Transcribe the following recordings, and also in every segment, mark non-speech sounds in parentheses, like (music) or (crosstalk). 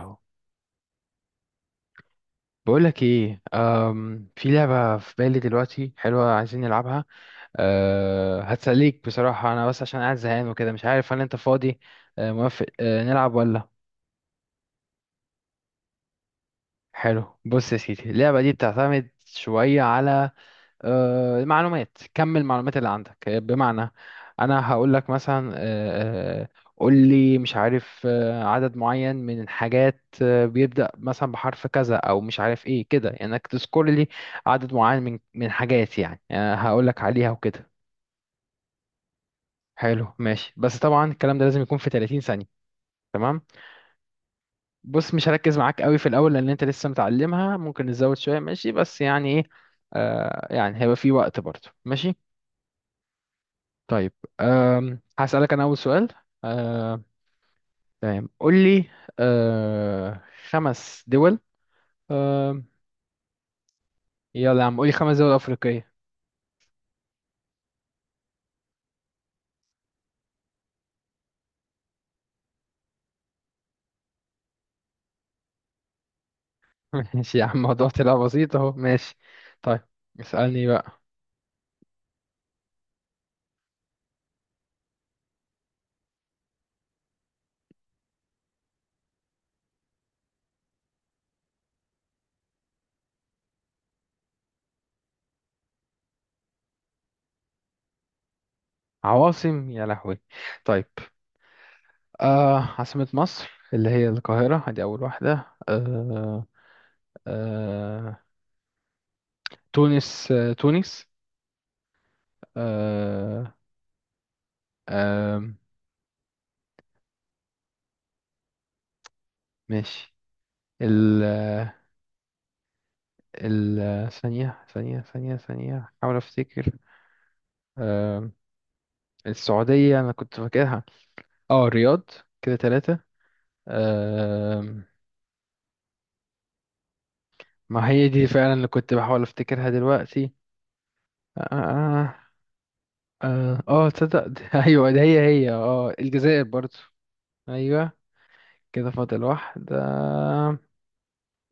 أهو. بقولك ايه، في لعبة في بالي دلوقتي حلوة عايزين نلعبها. أه هتسليك بصراحة، انا بس عشان قاعد زهقان وكده مش عارف هل انت فاضي. أه موافق؟ أه نلعب ولا؟ حلو، بص يا سيدي اللعبة دي بتعتمد شوية على معلومات. كمل المعلومات اللي عندك، بمعنى انا هقول لك مثلا، قول لي مش عارف عدد معين من الحاجات بيبدأ مثلا بحرف كذا او مش عارف ايه كده، يعني انك تذكر لي عدد معين من حاجات، يعني هقول لك عليها وكده. حلو ماشي، بس طبعا الكلام ده لازم يكون في 30 ثانية. تمام. بص مش هركز معاك قوي في الاول لان انت لسه متعلمها، ممكن نزود شوية ماشي، بس يعني ايه، يعني هيبقى في وقت برضه ماشي. طيب، هسألك أنا أول سؤال. أم، تمام قول لي. أه خمس دول. أم، يلا يا عم قول لي خمس دول أفريقية. (laughs) ماشي يا عم، الموضوع طلع بسيط أهو، ماشي. طيب اسألني بقى. عواصم! يا لهوي. طيب، أه عاصمة مصر اللي هي القاهرة، هذه أول واحدة. أه أه، تونس، أه تونس. أه أه ماشي. ثانية حاول أفتكر. آم، السعودية أنا كنت فاكرها، اه الرياض. كده تلاتة. آم، ما هي دي فعلا اللي كنت بحاول أفتكرها دلوقتي. اه اه تصدق (laughs) أيوة ده هي اه الجزائر برضو. أيوة، كده فاضل واحدة.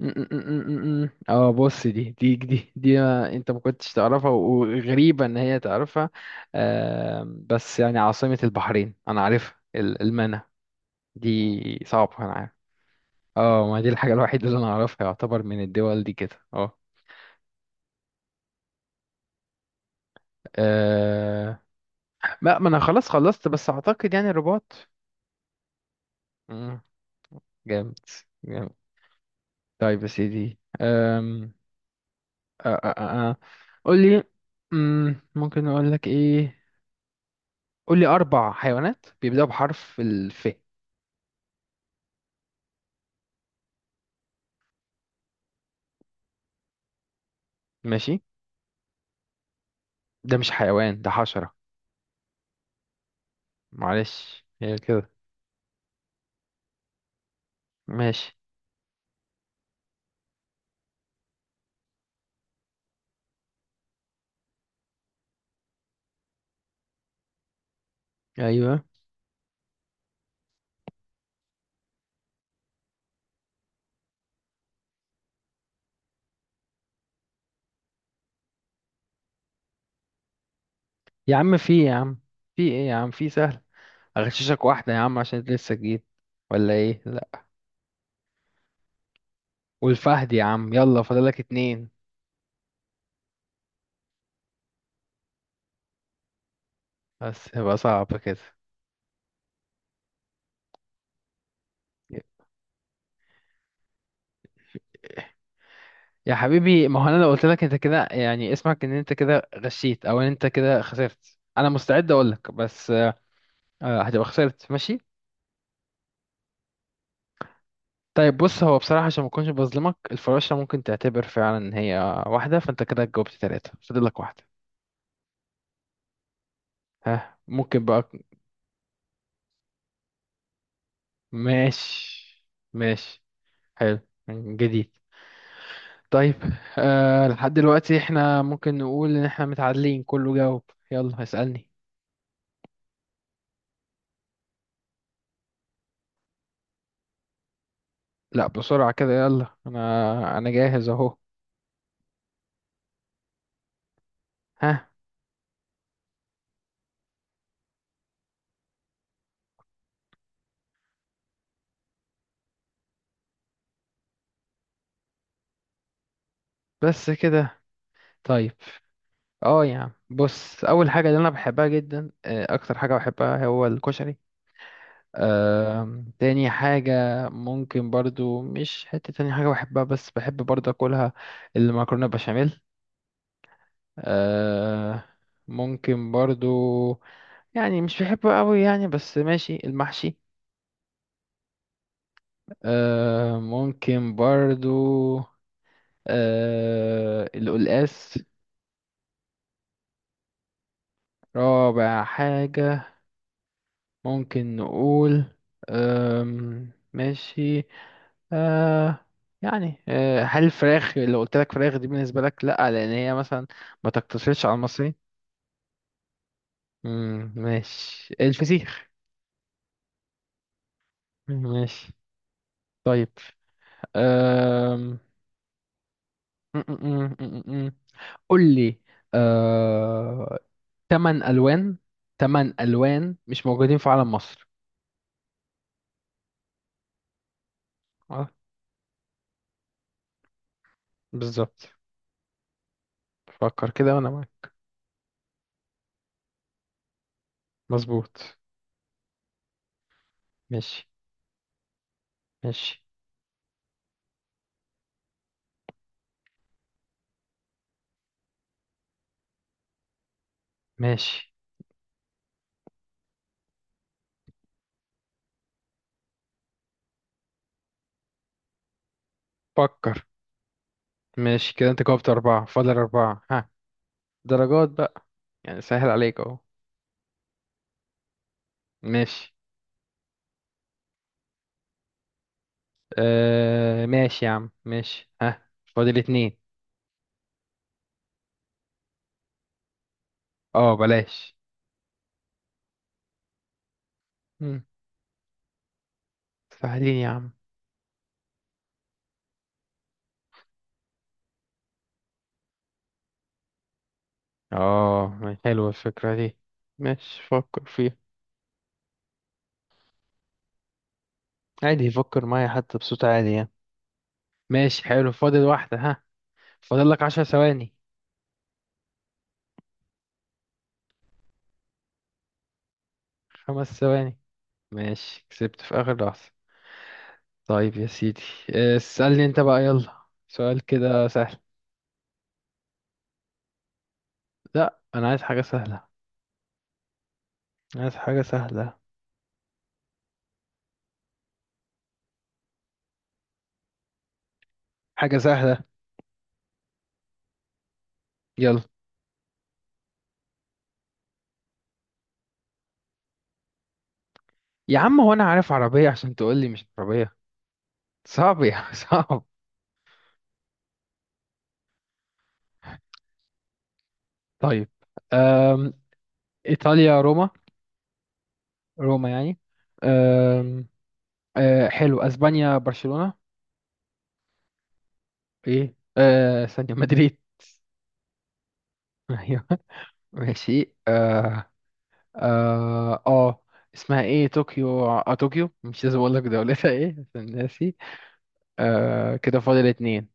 م- م- م- م- م. اه بص، دي ما انت ما كنتش تعرفها، وغريبة ان هي تعرفها. بس يعني عاصمة البحرين انا عارفها، المنى دي. صعبة انا عارف. اه، ما دي الحاجة الوحيدة اللي انا اعرفها يعتبر من الدول دي كده، اه. آه، ما انا خلاص خلصت، بس اعتقد يعني الرباط. مم، جامد، جامد. طيب يا سيدي، آم، آه، آه، آه، آه. قول لي. ممكن اقول لك ايه؟ قول لي أربع حيوانات بيبدأوا بحرف الف. ماشي. ده مش حيوان، ده حشرة. معلش هي كده. ماشي. أيوه يا عم، في إيه يا عم؟ في إيه يا عم؟ في سهل، أغششك واحدة يا عم عشان أنت لسه جديد، ولا إيه؟ لأ، والفهد يا عم، يلا فاضلك اتنين. بس هيبقى صعب كده. يا حبيبي، ما هو أنا لو قلت لك أنت كده يعني اسمعك إن أنت كده غشيت، أو إن أنت كده خسرت، أنا مستعد أقول لك، بس هتبقى خسرت ماشي. طيب بص، هو بصراحة عشان ما اكونش بظلمك، الفراشة ممكن تعتبر فعلا ان هي واحدة، فانت كده جاوبت ثلاثة فاضل لك واحدة. ها، ممكن بقى؟ ماشي. ماشي، حلو، جديد. طيب أه، لحد دلوقتي احنا ممكن نقول ان احنا متعادلين، كله جاوب. يلا اسألني. لا بسرعة كده، يلا انا جاهز اهو. ها. بس كده؟ طيب. اه يا عم بص، اول حاجة اللي انا بحبها جدا، اكتر حاجة بحبها، هو الكشري. تاني حاجة، ممكن برضو، مش حتة تاني حاجة بحبها بس بحب برضو أكلها، المكرونة بشاميل. آه، ممكن برضو، يعني مش بحبه قوي يعني، بس ماشي، المحشي. ممكن برضو، القلقاس. رابع حاجة، ممكن نقول، ماشي. آه، يعني آه، هل الفراخ اللي قلت لك فراخ دي بالنسبة لك لأ؟ لأن هي مثلا ما تقتصرش على المصري. مم ماشي، الفسيخ. مم، ماشي. طيب، آم، م- م- م- م- م. قول لي. آه، تمن ألوان، تمن ألوان مش موجودين في علم مصر. اه، بالظبط. فكر كده وأنا معاك. مظبوط. ماشي. ماشي. ماشي فكر. ماشي كده، أنت جاوبت أربعة فاضل أربعة، ها درجات بقى، يعني سهل عليك اهو. ماشي. آه ماشي يا عم، ماشي. ها، فاضل اتنين. اه بلاش. مم. سهلين يا عم. اه، حلوة الفكرة دي، ماشي فكر فيها. عادي يفكر معايا حتى بصوت عالي يعني. ماشي حلو، فاضل واحدة. ها، فاضل لك عشر ثواني. خمس ثواني. ماشي، كسبت في آخر لحظة. طيب يا سيدي، اسألني انت بقى، يلا سؤال كده سهل. لا انا عايز حاجة سهلة، عايز حاجة سهلة، حاجة سهلة. يلا يا عم، هو انا عارف عربية عشان تقول لي مش عربية؟ صعب يا (laughs) صعب. طيب، أم... ايطاليا، روما. روما يعني. أم... أه حلو، اسبانيا، برشلونة. ايه أه... ثانية، مدريد. (laughs) ايوه. ماشي. اه اه آه. اسمها ايه، طوكيو، اه طوكيو، مش لازم اقول لك دولتها ايه عشان ناسي. آه، كده فاضل اتنين.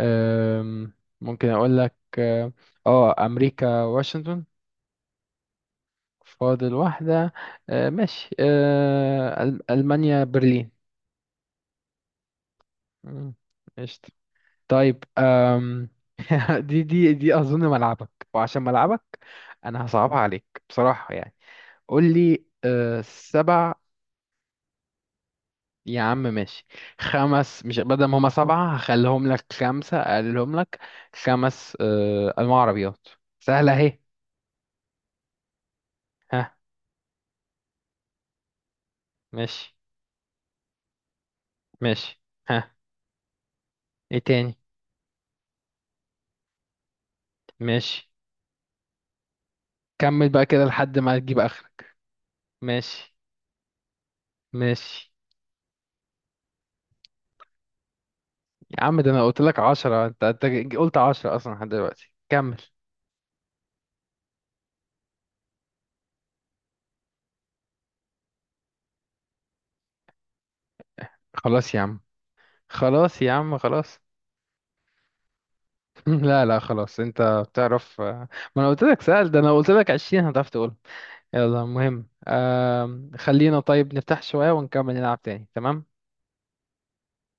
آم، ممكن اقول لك اه، امريكا، واشنطن. فاضل واحدة. آه ماشي، آه ألمانيا، برلين. مم، قشطة. طيب آم. (laughs) دي أظن ملعبك، وعشان ملعبك أنا هصعبها عليك بصراحة يعني. قول لي آه، سبع. يا عم ماشي. خمس، مش بدل ما هما سبعة هخليهم لك خمسة، أقللهم لك. خمس آه أنواع عربيات. سهلة أهي. ها. ماشي. ماشي. ها. إيه تاني؟ ماشي. كمل بقى كده لحد ما تجيب آخرك. ماشي. ماشي. يا عم، ده انا قلت لك عشرة، انت قلت عشرة اصلا لحد دلوقتي، كمل. خلاص يا عم، خلاص يا عم خلاص. (laughs) لا لا خلاص، انت بتعرف ما انا قلت لك سأل ده، انا قلت لك عشرين هتعرف تقول. يلا المهم، خلينا طيب نفتح شوية ونكمل نلعب تاني، تمام.